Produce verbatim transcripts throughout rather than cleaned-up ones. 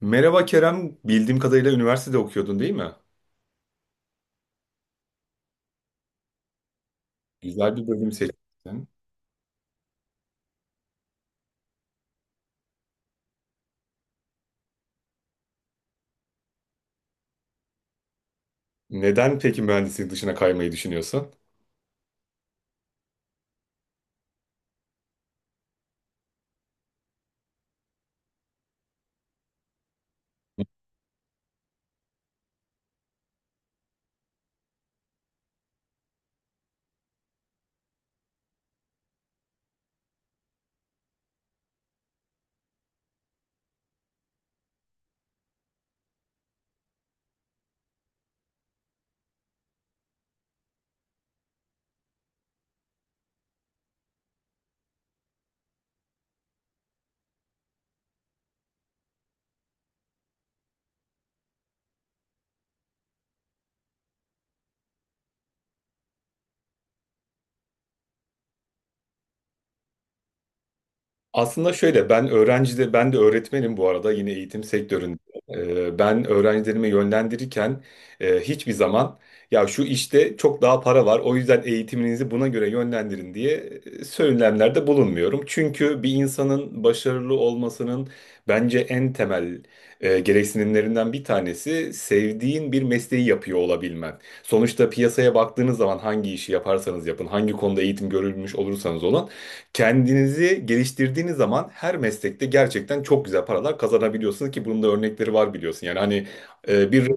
Merhaba Kerem, bildiğim kadarıyla üniversitede okuyordun değil mi? Güzel bir bölüm seçtin. Neden peki mühendislik dışına kaymayı düşünüyorsun? Aslında şöyle ben öğrencide ben de öğretmenim bu arada yine eğitim sektöründe. Ee, ben öğrencilerimi yönlendirirken e, hiçbir zaman ya şu işte çok daha para var o yüzden eğitiminizi buna göre yönlendirin diye e, söylemlerde bulunmuyorum. Çünkü bir insanın başarılı olmasının bence en temel e, gereksinimlerinden bir tanesi sevdiğin bir mesleği yapıyor olabilmen. Sonuçta piyasaya baktığınız zaman hangi işi yaparsanız yapın, hangi konuda eğitim görülmüş olursanız olun, kendinizi geliştirdiğiniz zaman her meslekte gerçekten çok güzel paralar kazanabiliyorsunuz ki bunun da örnekleri var biliyorsun. Yani hani e, bir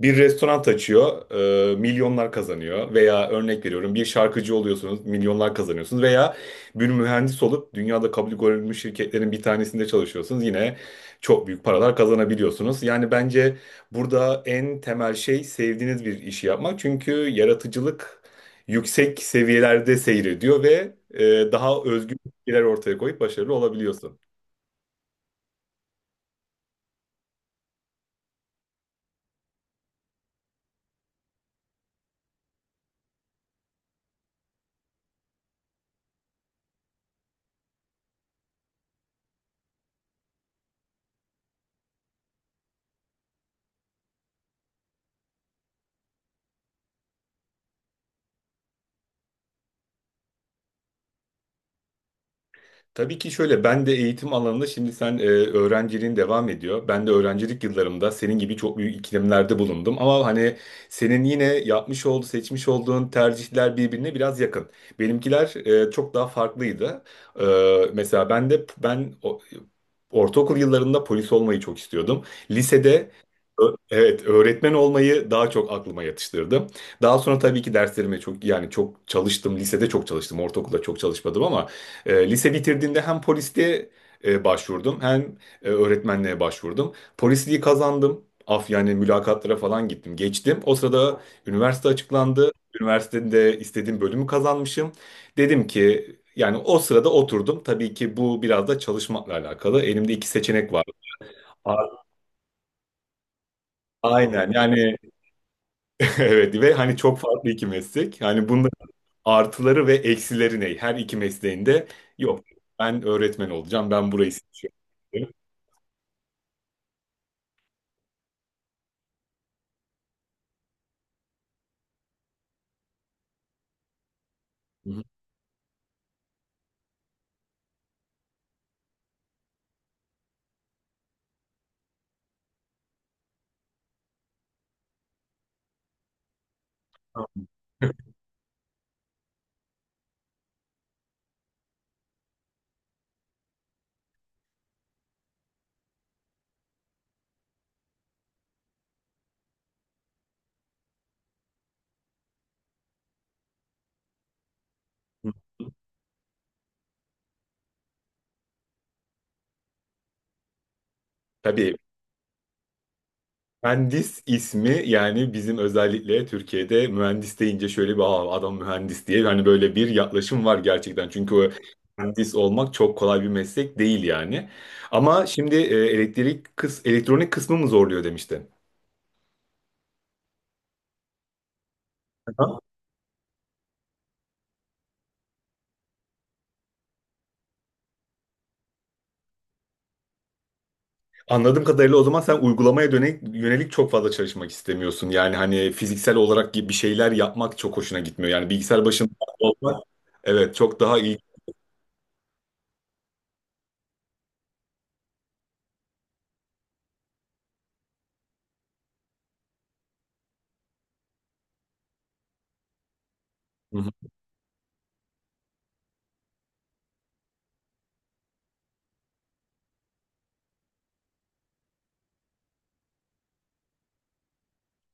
bir restoran açıyor, e, milyonlar kazanıyor veya örnek veriyorum bir şarkıcı oluyorsunuz, milyonlar kazanıyorsunuz veya bir mühendis olup dünyada kabul görülmüş şirketlerin bir tanesinde çalışıyorsunuz yine çok büyük paralar kazanabiliyorsunuz. Yani bence burada en temel şey sevdiğiniz bir işi yapmak çünkü yaratıcılık yüksek seviyelerde seyrediyor ve e, daha özgün fikirler ortaya koyup başarılı olabiliyorsun. Tabii ki şöyle ben de eğitim alanında şimdi sen e, öğrenciliğin devam ediyor. Ben de öğrencilik yıllarımda senin gibi çok büyük ikilemlerde bulundum. Ama hani senin yine yapmış olduğu, seçmiş olduğun tercihler birbirine biraz yakın. Benimkiler e, çok daha farklıydı. E, mesela ben de ben o- ortaokul yıllarında polis olmayı çok istiyordum. Lisede ö- evet, öğretmen olmayı daha çok aklıma yatıştırdım. Daha sonra tabii ki derslerime çok yani çok çalıştım. Lisede çok çalıştım, ortaokulda çok çalışmadım ama e, lise bitirdiğimde hem polisliğe e, başvurdum hem e, öğretmenliğe başvurdum. Polisliği kazandım. Af yani mülakatlara falan gittim. Geçtim. O sırada üniversite açıklandı. Üniversitede istediğim bölümü kazanmışım. Dedim ki yani o sırada oturdum. Tabii ki bu biraz da çalışmakla alakalı. Elimde iki seçenek var. A- Aynen yani evet ve hani çok farklı iki meslek. Yani bunun artıları ve eksileri ne? Her iki mesleğinde yok. Ben öğretmen olacağım. Ben burayı seçiyorum. Tabii mühendis ismi yani bizim özellikle Türkiye'de mühendis deyince şöyle bir, aa, adam mühendis diye hani böyle bir yaklaşım var gerçekten. Çünkü o mühendis olmak çok kolay bir meslek değil yani. Ama şimdi e, elektrik kıs elektronik kısmı mı zorluyor demiştin. Aha. Anladığım kadarıyla o zaman sen uygulamaya dönelik, yönelik çok fazla çalışmak istemiyorsun. Yani hani fiziksel olarak gibi bir şeyler yapmak çok hoşuna gitmiyor. Yani bilgisayar başında olmak evet çok daha iyi.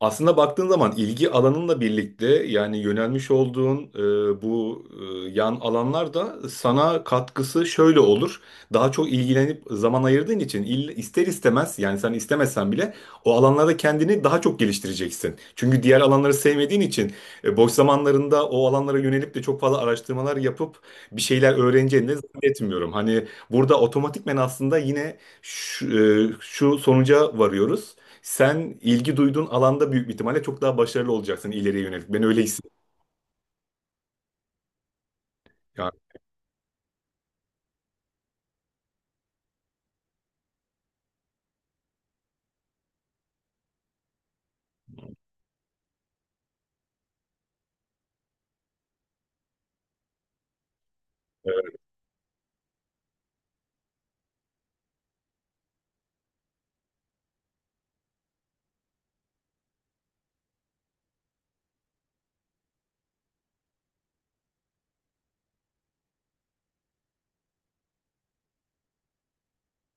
Aslında baktığın zaman ilgi alanınla birlikte yani yönelmiş olduğun e, bu e, yan alanlar da sana katkısı şöyle olur. Daha çok ilgilenip zaman ayırdığın için ill- ister istemez yani sen istemesen bile o alanlarda kendini daha çok geliştireceksin. Çünkü diğer alanları sevmediğin için e, boş zamanlarında o alanlara yönelip de çok fazla araştırmalar yapıp bir şeyler öğreneceğini de zannetmiyorum. Hani burada otomatikmen aslında yine şu, e, şu sonuca varıyoruz. Sen ilgi duyduğun alanda büyük bir ihtimalle çok daha başarılı olacaksın ileriye yönelik. Ben öyle hissediyorum. Yani, evet.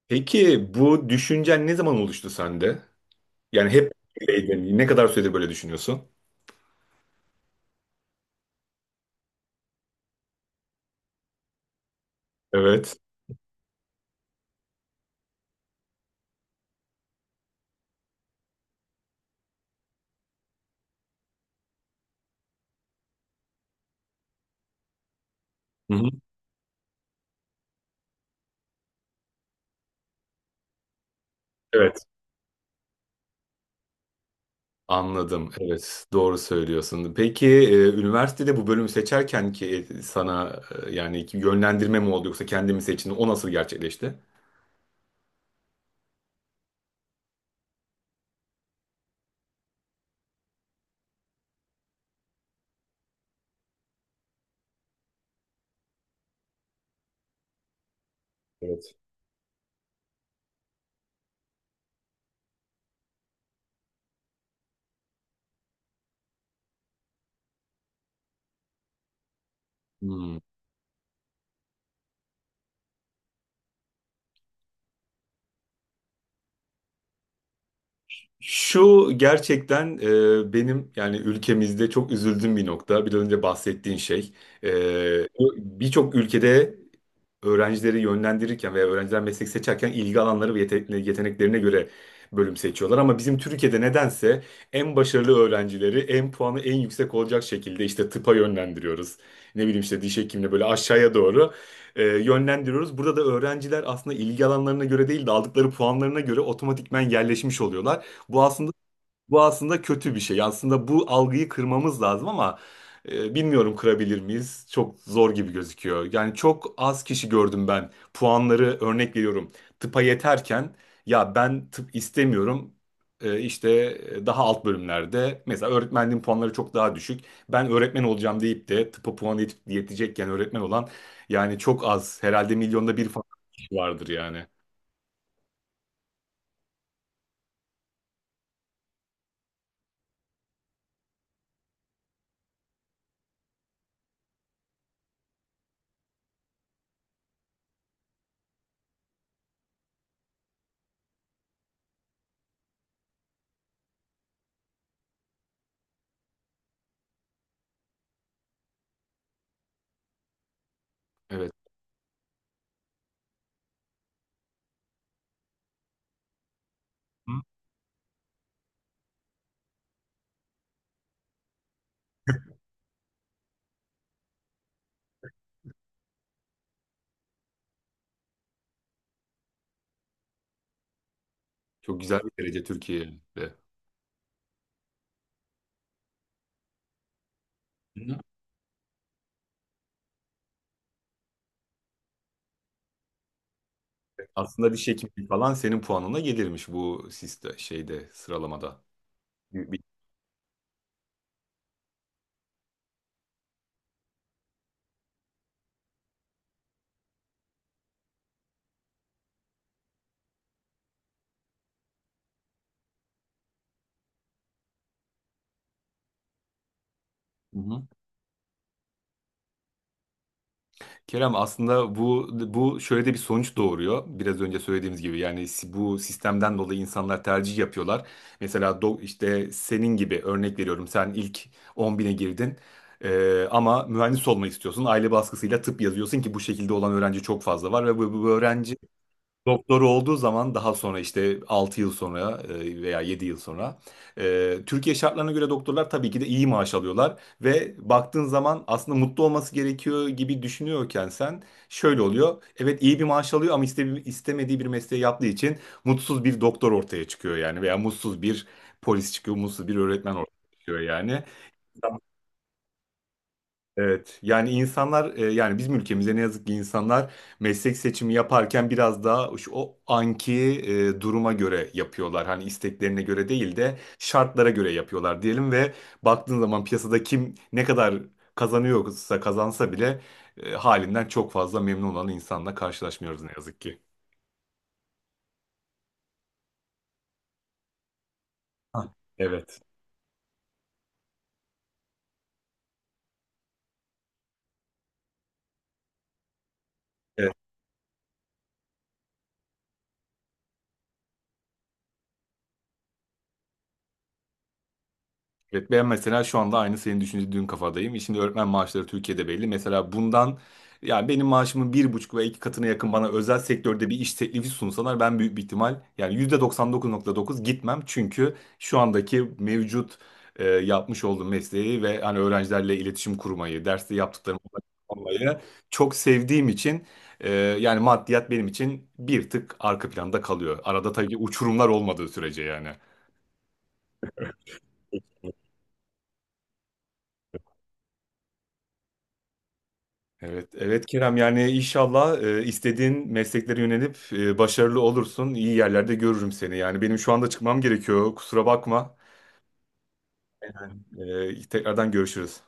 Peki bu düşüncen ne zaman oluştu sende? Yani hep böyleydin. Ne kadar süredir böyle düşünüyorsun? Evet. Hı hı. Evet. Anladım. Evet. Doğru söylüyorsun. Peki e, üniversitede bu bölümü seçerken ki sana e, yani ki yönlendirme mi oldu yoksa kendimi seçtin? O nasıl gerçekleşti? Evet. Hmm. Şu gerçekten e, benim yani ülkemizde çok üzüldüğüm bir nokta. Bir önce bahsettiğin şey. E, birçok ülkede öğrencileri yönlendirirken veya öğrenciler meslek seçerken ilgi alanları ve yete- yeteneklerine göre bölüm seçiyorlar. Ama bizim Türkiye'de nedense en başarılı öğrencileri en puanı en yüksek olacak şekilde işte tıpa yönlendiriyoruz. Ne bileyim işte diş hekimliğine böyle aşağıya doğru e, yönlendiriyoruz. Burada da öğrenciler aslında ilgi alanlarına göre değil de aldıkları puanlarına göre otomatikmen yerleşmiş oluyorlar. Bu aslında bu aslında kötü bir şey. Aslında bu algıyı kırmamız lazım ama e, bilmiyorum, kırabilir miyiz? Çok zor gibi gözüküyor. Yani çok az kişi gördüm ben. Puanları örnek veriyorum. Tıpa yeterken ya ben tıp istemiyorum. E, işte e, daha alt bölümlerde mesela öğretmenliğin puanları çok daha düşük. Ben öğretmen olacağım deyip de tıpa puan yet- yetecekken öğretmen olan yani çok az. Herhalde milyonda bir falan kişi vardır yani. Evet. Hı? Çok güzel bir derece Türkiye'de. Aslında diş hekimliği falan senin puanına gelirmiş bu siste şeyde sıralamada. Bir- bir- Hı hı. Kerem aslında bu bu şöyle de bir sonuç doğuruyor. Biraz önce söylediğimiz gibi yani si- bu sistemden dolayı insanlar tercih yapıyorlar. Mesela do- işte senin gibi örnek veriyorum sen ilk 10 bine girdin. Ee, ama mühendis olmak istiyorsun. Aile baskısıyla tıp yazıyorsun ki bu şekilde olan öğrenci çok fazla var ve bu, bu öğrenci soru olduğu zaman daha sonra işte altı yıl sonra e, veya yedi yıl sonra e, Türkiye şartlarına göre doktorlar tabii ki de iyi maaş alıyorlar ve baktığın zaman aslında mutlu olması gerekiyor gibi düşünüyorken sen şöyle oluyor. Evet iyi bir maaş alıyor ama iste- istemediği bir mesleği yaptığı için mutsuz bir doktor ortaya çıkıyor yani veya mutsuz bir polis çıkıyor, mutsuz bir öğretmen ortaya çıkıyor yani. Evet yani insanlar e, yani bizim ülkemizde ne yazık ki insanlar meslek seçimi yaparken biraz daha şu- o anki e, duruma göre yapıyorlar. Hani isteklerine göre değil de şartlara göre yapıyorlar diyelim ve baktığın zaman piyasada kim ne kadar kazanıyorsa kazansa bile e, halinden çok fazla memnun olan insanla karşılaşmıyoruz ne yazık ki. Ha. Evet. e, Evet, ben mesela şu anda aynı senin düşündüğün kafadayım. E, şimdi öğretmen maaşları Türkiye'de belli. Mesela bundan yani benim maaşımın bir buçuk veya iki katına yakın bana özel sektörde bir iş teklifi sunsalar ben büyük bir ihtimal yani yüzde doksan dokuz nokta dokuz gitmem. Çünkü şu andaki mevcut e, yapmış olduğum mesleği ve hani öğrencilerle iletişim kurmayı, derste yaptıklarımı olmayı çok sevdiğim için e, yani maddiyat benim için bir tık arka planda kalıyor. Arada tabii ki uçurumlar olmadığı sürece yani. Evet, evet Kerem yani inşallah e, istediğin mesleklere yönelip e, başarılı olursun. İyi yerlerde görürüm seni. Yani benim şu anda çıkmam gerekiyor. Kusura bakma. E, tekrardan görüşürüz.